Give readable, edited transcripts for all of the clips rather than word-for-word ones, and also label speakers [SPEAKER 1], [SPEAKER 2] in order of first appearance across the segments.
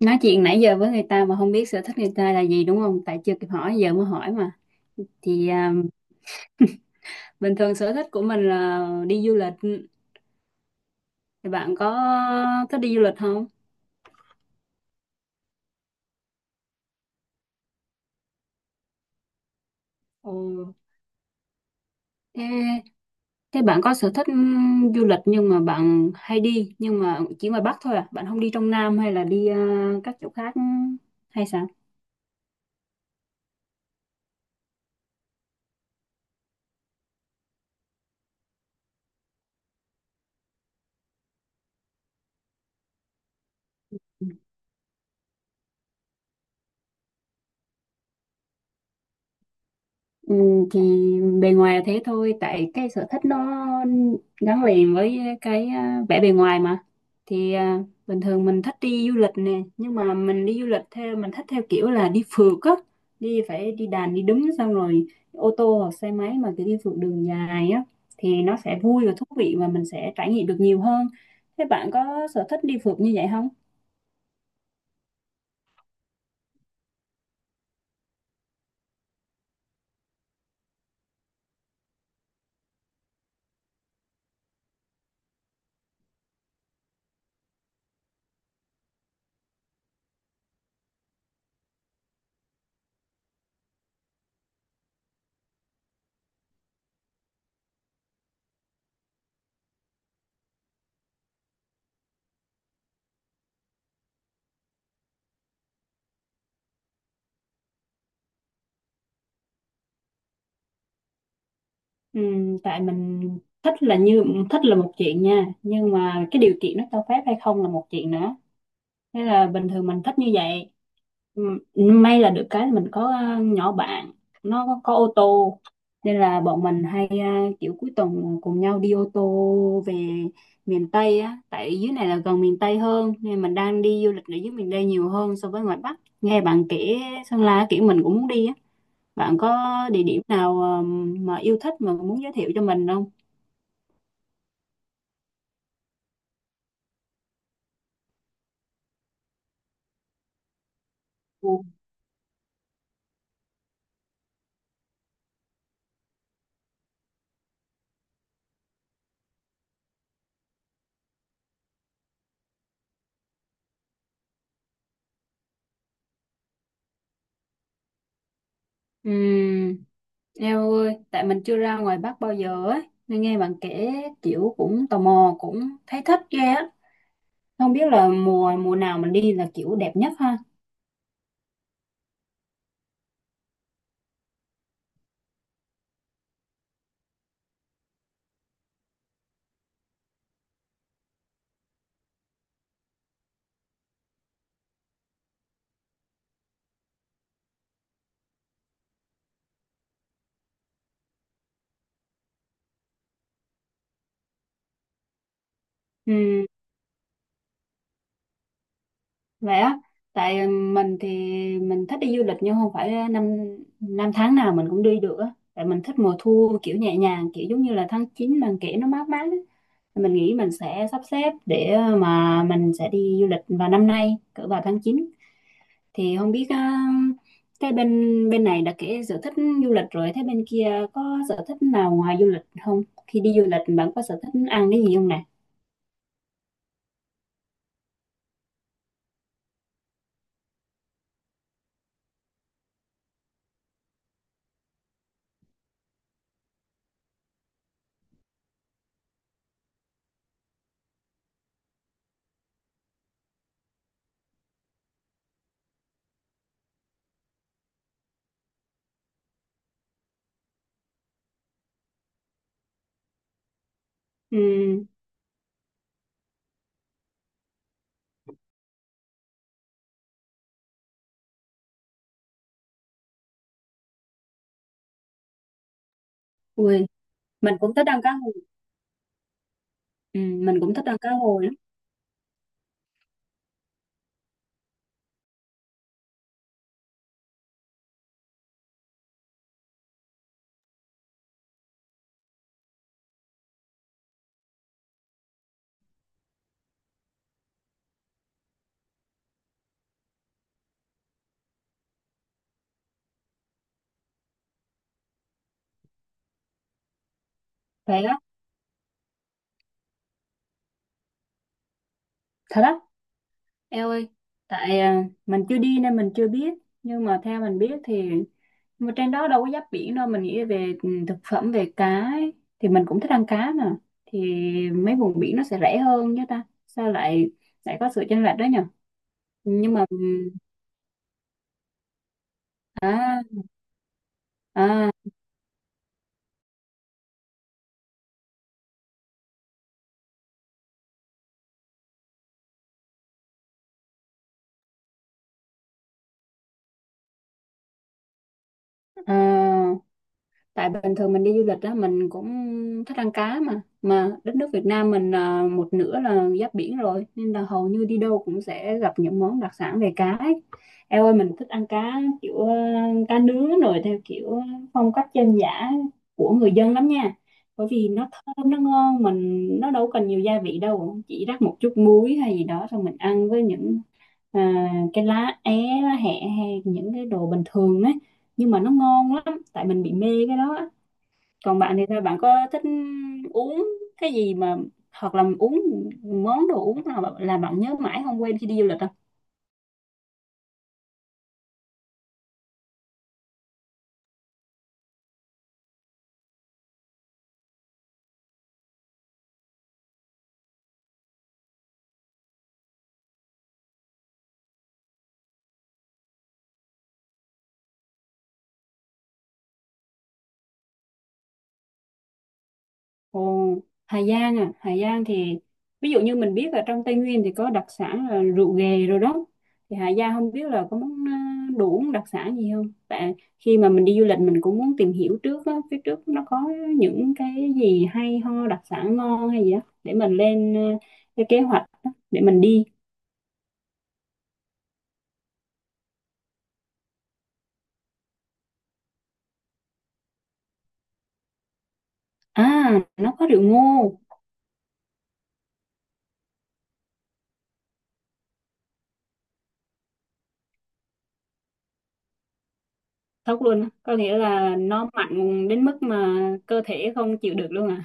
[SPEAKER 1] Nói chuyện nãy giờ với người ta mà không biết sở thích người ta là gì, đúng không? Tại chưa kịp hỏi, giờ mới hỏi mà. Thì bình thường sở thích của mình là đi du lịch. Thì bạn có thích đi du lịch không? Ồ, thế thế bạn có sở thích du lịch, nhưng mà bạn hay đi nhưng mà chỉ ngoài Bắc thôi à? Bạn không đi trong Nam hay là đi các chỗ khác hay sao? Ừ, thì bề ngoài là thế thôi, tại cái sở thích nó gắn liền với cái vẻ bề ngoài mà. Thì bình thường mình thích đi du lịch nè, nhưng mà mình đi du lịch theo mình thích, theo kiểu là đi phượt á, đi phải đi đàn đi đứng, xong rồi ô tô hoặc xe máy mà cứ đi phượt đường dài á, thì nó sẽ vui và thú vị và mình sẽ trải nghiệm được nhiều hơn. Thế bạn có sở thích đi phượt như vậy không? Ừ, tại mình thích là như thích là một chuyện nha, nhưng mà cái điều kiện nó cho phép hay không là một chuyện nữa. Thế là bình thường mình thích như vậy. Ừ, may là được cái là mình có nhỏ bạn, nó có ô tô, nên là bọn mình hay kiểu cuối tuần cùng nhau đi ô tô về miền Tây á, tại dưới này là gần miền Tây hơn, nên mình đang đi du lịch ở dưới miền Tây nhiều hơn. So với ngoài Bắc nghe bạn kể Sơn La, kiểu mình cũng muốn đi á. Bạn có địa điểm nào mà yêu thích mà muốn giới thiệu cho mình không? Ừ. Ừ, eo ơi, tại mình chưa ra ngoài Bắc bao giờ ấy, nên nghe bạn kể kiểu cũng tò mò, cũng thấy thích ghê á. Không biết là mùa mùa nào mình đi là kiểu đẹp nhất ha. Ừ, vậy á, tại mình thì mình thích đi du lịch nhưng không phải năm năm tháng nào mình cũng đi được á. Tại mình thích mùa thu kiểu nhẹ nhàng, kiểu giống như là tháng 9 bạn kể nó mát mát á. Mình nghĩ mình sẽ sắp xếp để mà mình sẽ đi du lịch vào năm nay, cỡ vào tháng 9. Thì không biết á, cái bên bên này đã kể sở thích du lịch rồi, thế bên kia có sở thích nào ngoài du lịch không? Khi đi du lịch bạn có sở thích ăn cái gì không nè? Ừ. Ui, mình cũng thích ăn cá hồi. Ừ, mình cũng thích ăn cá hồi lắm. Vậy á. Thật á. Eo ơi, tại mình chưa đi nên mình chưa biết, nhưng mà theo mình biết thì mà trên đó đâu có giáp biển đâu, mình nghĩ về thực phẩm về cá ấy. Thì mình cũng thích ăn cá mà, thì mấy vùng biển nó sẽ rẻ hơn chứ ta, sao lại lại có sự chênh lệch đó nhỉ? Nhưng mà ừ, à, à, à, tại bình thường mình đi du lịch đó, mình cũng thích ăn cá mà đất nước Việt Nam mình một nửa là giáp biển rồi nên là hầu như đi đâu cũng sẽ gặp những món đặc sản về cá ấy. Eo ơi, mình thích ăn cá kiểu cá nướng rồi theo kiểu phong cách dân dã của người dân lắm nha. Bởi vì nó thơm, nó ngon, mình nó đâu cần nhiều gia vị đâu, chỉ rắc một chút muối hay gì đó xong mình ăn với những à, cái lá é, lá hẹ hay những cái đồ bình thường á, nhưng mà nó ngon lắm, tại mình bị mê cái đó á. Còn bạn thì sao, bạn có thích uống cái gì mà hoặc là uống món đồ uống nào mà là bạn nhớ mãi không quên khi đi du lịch không? Ồ, Hà Giang à? Hà Giang thì ví dụ như mình biết là trong Tây Nguyên thì có đặc sản là rượu ghề rồi đó. Thì Hà Giang không biết là có món đồ uống đặc sản gì không, tại khi mà mình đi du lịch mình cũng muốn tìm hiểu trước á, phía trước nó có những cái gì hay ho đặc sản ngon hay gì đó để mình lên cái kế hoạch á, để mình đi. À, nó có rượu ngô. Thật luôn á? Có nghĩa là nó mạnh đến mức mà cơ thể không chịu được luôn à?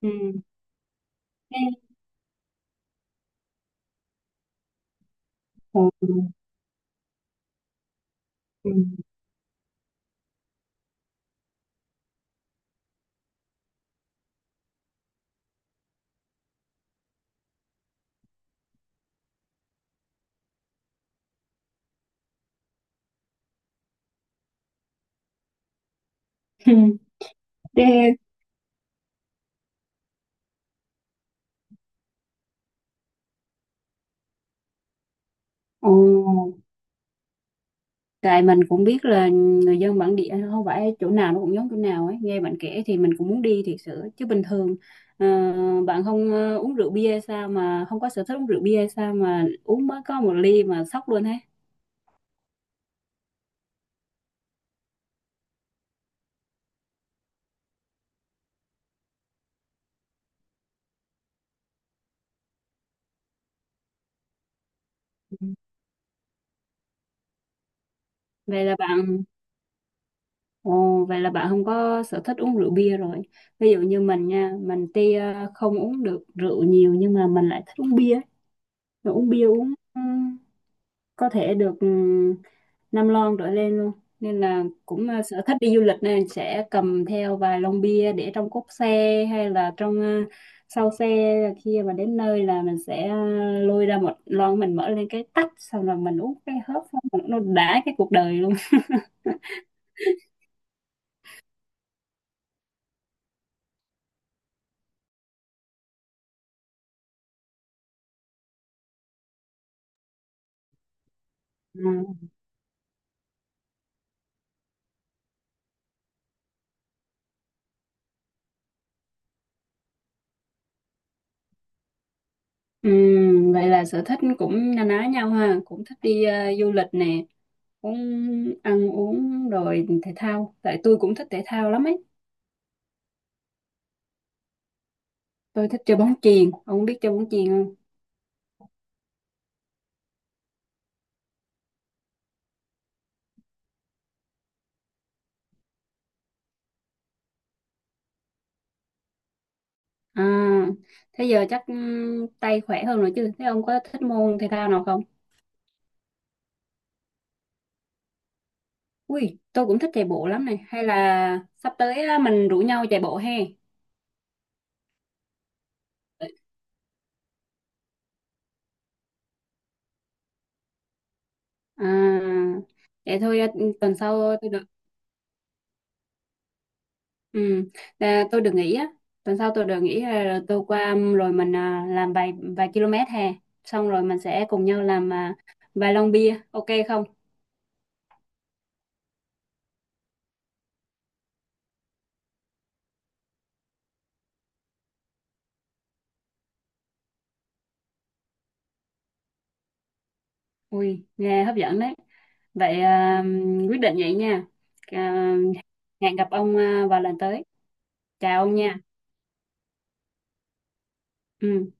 [SPEAKER 1] Ừ. Thế, ồ, ừ. Thế, ồ, tại mình cũng biết là người dân bản địa không phải chỗ nào nó cũng giống chỗ nào ấy. Nghe bạn kể thì mình cũng muốn đi thiệt sự. Chứ bình thường ờ, bạn không uống rượu bia hay sao mà không có sở thích uống rượu bia hay sao mà uống mới có một ly mà sốc luôn hết. Ừ. Vậy là bạn Ồ, vậy là bạn không có sở thích uống rượu bia rồi. Ví dụ như mình nha, mình tuy không uống được rượu nhiều, nhưng mà mình lại thích uống bia. Mà uống bia, uống có thể được 5 lon trở lên luôn. Nên là cũng sở thích đi du lịch nên sẽ cầm theo vài lon bia để trong cốp xe hay là sau xe. Khi mà đến nơi là mình sẽ lôi ra một lon, mình mở lên cái tách, xong rồi mình uống cái hớp xong rồi nó đã cái cuộc đời luôn. Ừ, vậy là sở thích cũng na ná nhau ha, cũng thích đi du lịch nè, cũng ăn uống rồi thể thao. Tại tôi cũng thích thể thao lắm ấy. Tôi thích chơi bóng chuyền, ông biết chơi bóng chuyền không? À, thế giờ chắc tay khỏe hơn rồi chứ. Thế ông có thích môn thể thao nào không? Ui, tôi cũng thích chạy bộ lắm này. Hay là sắp tới á, mình rủ nhau chạy bộ he? À, vậy thôi. Ừ, Tuần sau tôi. Ừ, tôi được nghỉ á, tuần sau tôi được nghỉ tôi qua, rồi mình làm vài vài km hè, xong rồi mình sẽ cùng nhau làm vài lon bia, ok không? Ui, nghe hấp dẫn đấy. Vậy quyết định vậy nha. À, hẹn gặp ông vào lần tới. Chào ông nha. Ừ.